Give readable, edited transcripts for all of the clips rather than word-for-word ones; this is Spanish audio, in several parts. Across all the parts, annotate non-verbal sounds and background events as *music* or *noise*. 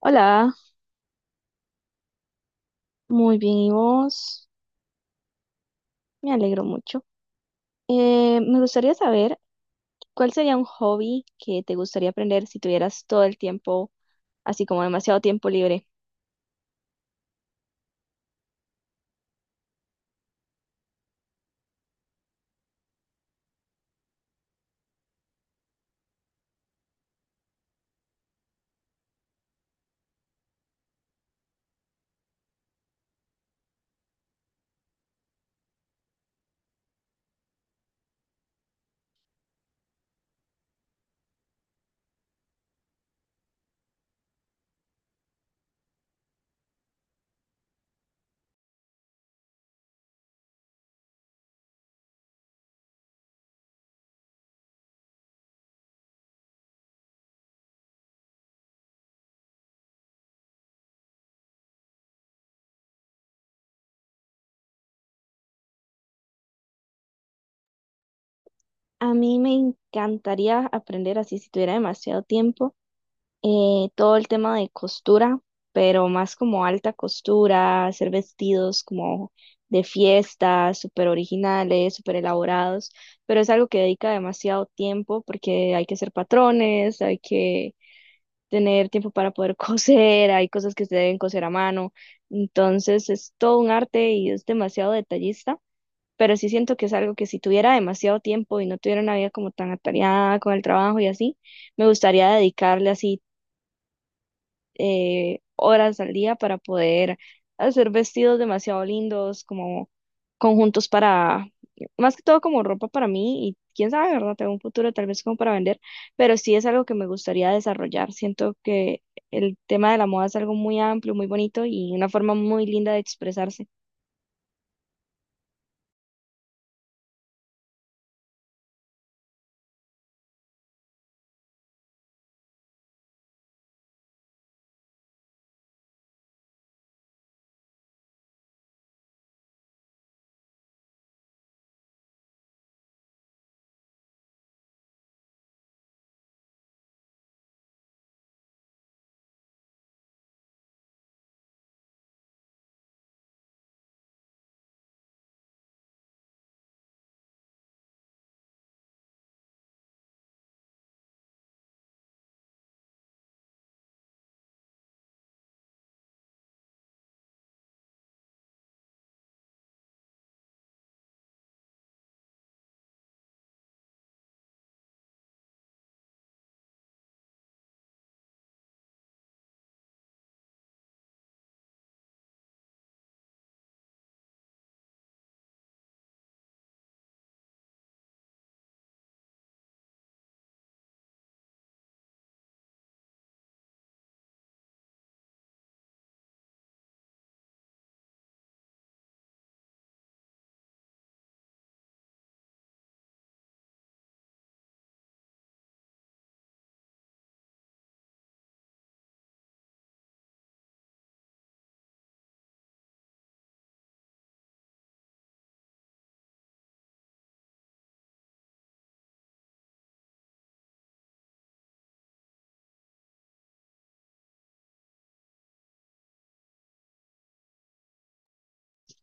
Hola, muy bien, ¿y vos? Me alegro mucho. Me gustaría saber cuál sería un hobby que te gustaría aprender si tuvieras todo el tiempo, así como demasiado tiempo libre. A mí me encantaría aprender así si tuviera demasiado tiempo, todo el tema de costura, pero más como alta costura, hacer vestidos como de fiesta, súper originales, súper elaborados, pero es algo que dedica demasiado tiempo porque hay que hacer patrones, hay que tener tiempo para poder *laughs* coser, hay cosas que se deben coser a mano, entonces es todo un arte y es demasiado detallista, pero sí siento que es algo que si tuviera demasiado tiempo y no tuviera una vida como tan atareada con el trabajo y así, me gustaría dedicarle así horas al día para poder hacer vestidos demasiado lindos, como conjuntos más que todo como ropa para mí y quién sabe, ¿verdad? Tengo un futuro tal vez como para vender, pero sí es algo que me gustaría desarrollar. Siento que el tema de la moda es algo muy amplio, muy bonito y una forma muy linda de expresarse.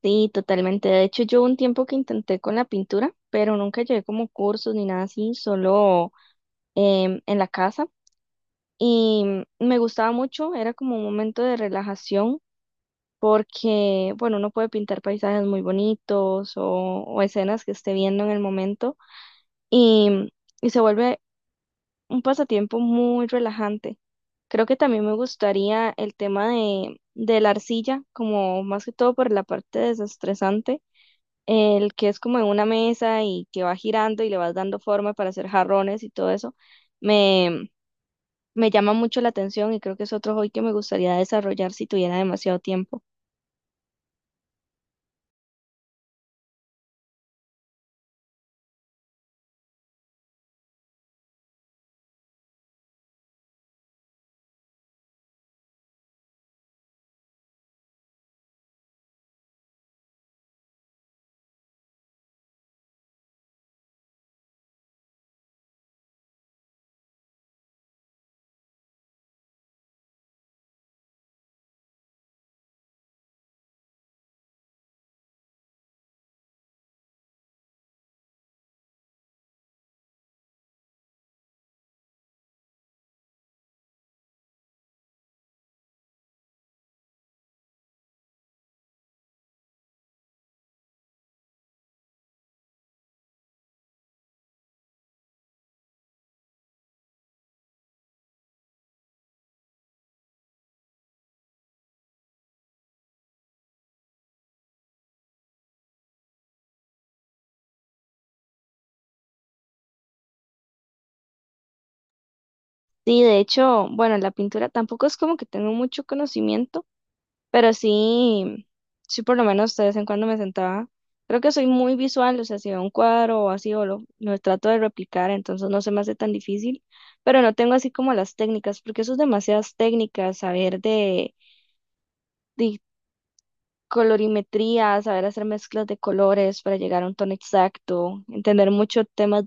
Sí, totalmente. De hecho, yo un tiempo que intenté con la pintura, pero nunca llevé como cursos ni nada así, solo en la casa. Y me gustaba mucho, era como un momento de relajación porque, bueno, uno puede pintar paisajes muy bonitos o escenas que esté viendo en el momento y, y se vuelve un pasatiempo muy relajante. Creo que también me gustaría el tema de la arcilla, como más que todo por la parte desestresante, el que es como en una mesa y que va girando y le vas dando forma para hacer jarrones y todo eso, me, me llama mucho la atención y creo que es otro hobby que me gustaría desarrollar si tuviera demasiado tiempo. Sí, de hecho, bueno, la pintura tampoco es como que tengo mucho conocimiento, pero sí, sí por lo menos de vez en cuando me sentaba. Creo que soy muy visual, o sea, si veo un cuadro o así, o lo trato de replicar, entonces no se me hace tan difícil, pero no tengo así como las técnicas, porque eso es demasiadas técnicas, saber de colorimetría, saber hacer mezclas de colores para llegar a un tono exacto, entender mucho temas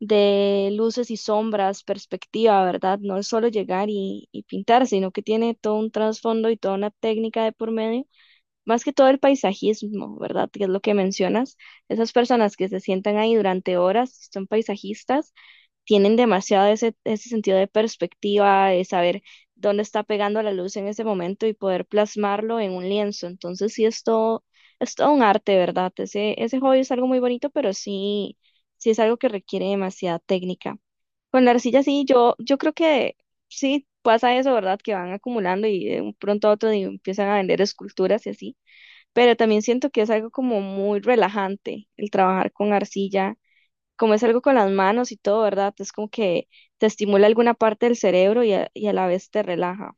de luces y sombras, perspectiva, ¿verdad? No es solo llegar y pintar, sino que tiene todo un trasfondo y toda una técnica de por medio, más que todo el paisajismo, ¿verdad? Que es lo que mencionas. Esas personas que se sientan ahí durante horas, son paisajistas, tienen demasiado ese sentido de perspectiva, de saber dónde está pegando la luz en ese momento y poder plasmarlo en un lienzo. Entonces sí es todo un arte, ¿verdad? Ese hobby es algo muy bonito, pero sí, sí es algo que requiere demasiada técnica. Con la arcilla sí, yo creo que sí pasa eso, ¿verdad? Que van acumulando y de un pronto a otro empiezan a vender esculturas y así. Pero también siento que es algo como muy relajante el trabajar con arcilla como es algo con las manos y todo, ¿verdad? Es como que te estimula alguna parte del cerebro y a la vez te relaja.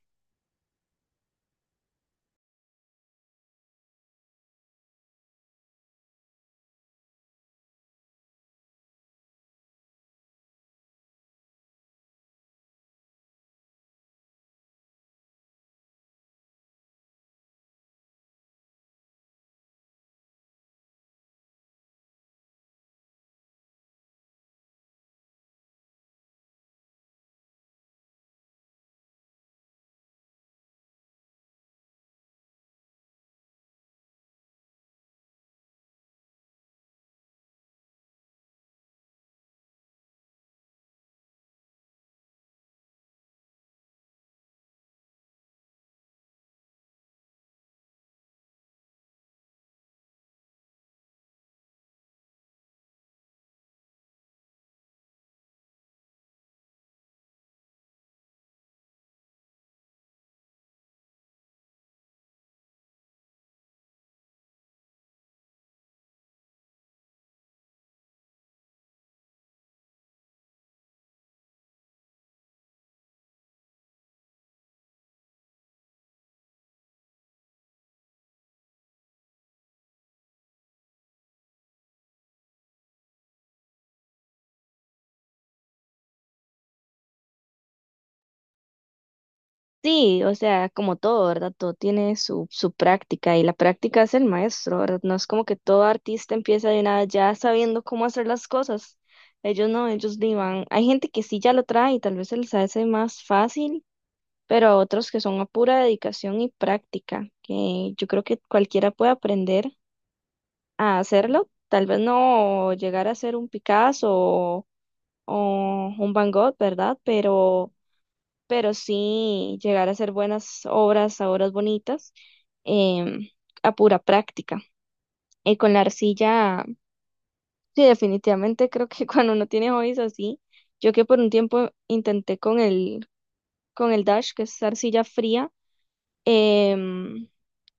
Sí, o sea, como todo, ¿verdad? Todo tiene su práctica y la práctica es el maestro, ¿verdad? No es como que todo artista empieza de nada ya sabiendo cómo hacer las cosas. Ellos no, ellos ni van. Hay gente que sí ya lo trae y tal vez se les hace más fácil, pero a otros que son a pura dedicación y práctica, que yo creo que cualquiera puede aprender a hacerlo. Tal vez no llegar a ser un Picasso o un Van Gogh, ¿verdad? Pero sí llegar a hacer buenas obras, a obras bonitas, em, a pura práctica. Y con la arcilla, sí, definitivamente creo que *laughs* cuando uno tiene hobbies así, yo que por un tiempo intenté con con el Dash, que es arcilla fría, em,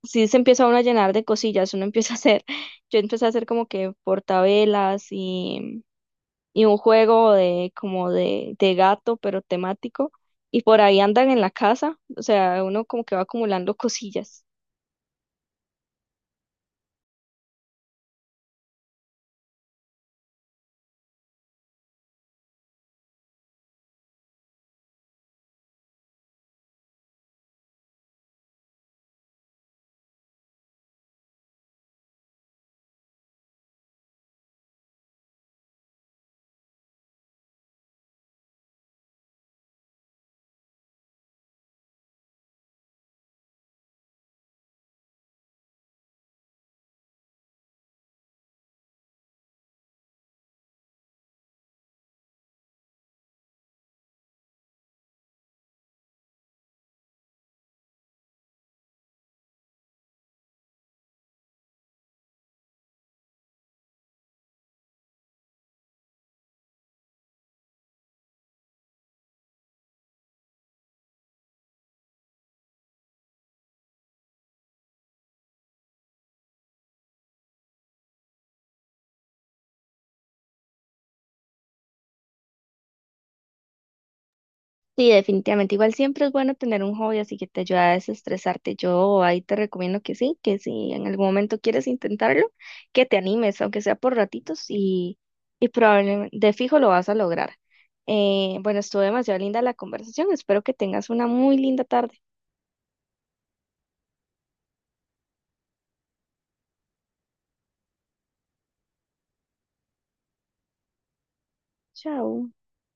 sí se empieza uno a llenar de cosillas, uno *laughs* empieza a hacer, *laughs* yo empecé a hacer como que portavelas y un juego de como de gato, pero temático. Y por ahí andan en la casa, o sea, uno como que va acumulando cosillas. Sí, definitivamente. Igual siempre es bueno tener un hobby así que te ayuda a desestresarte. Yo ahí te recomiendo que sí, que si en algún momento quieres intentarlo, que te animes, aunque sea por ratitos y probablemente de fijo lo vas a lograr. Bueno, estuvo demasiado linda la conversación. Espero que tengas una muy linda tarde. Chao.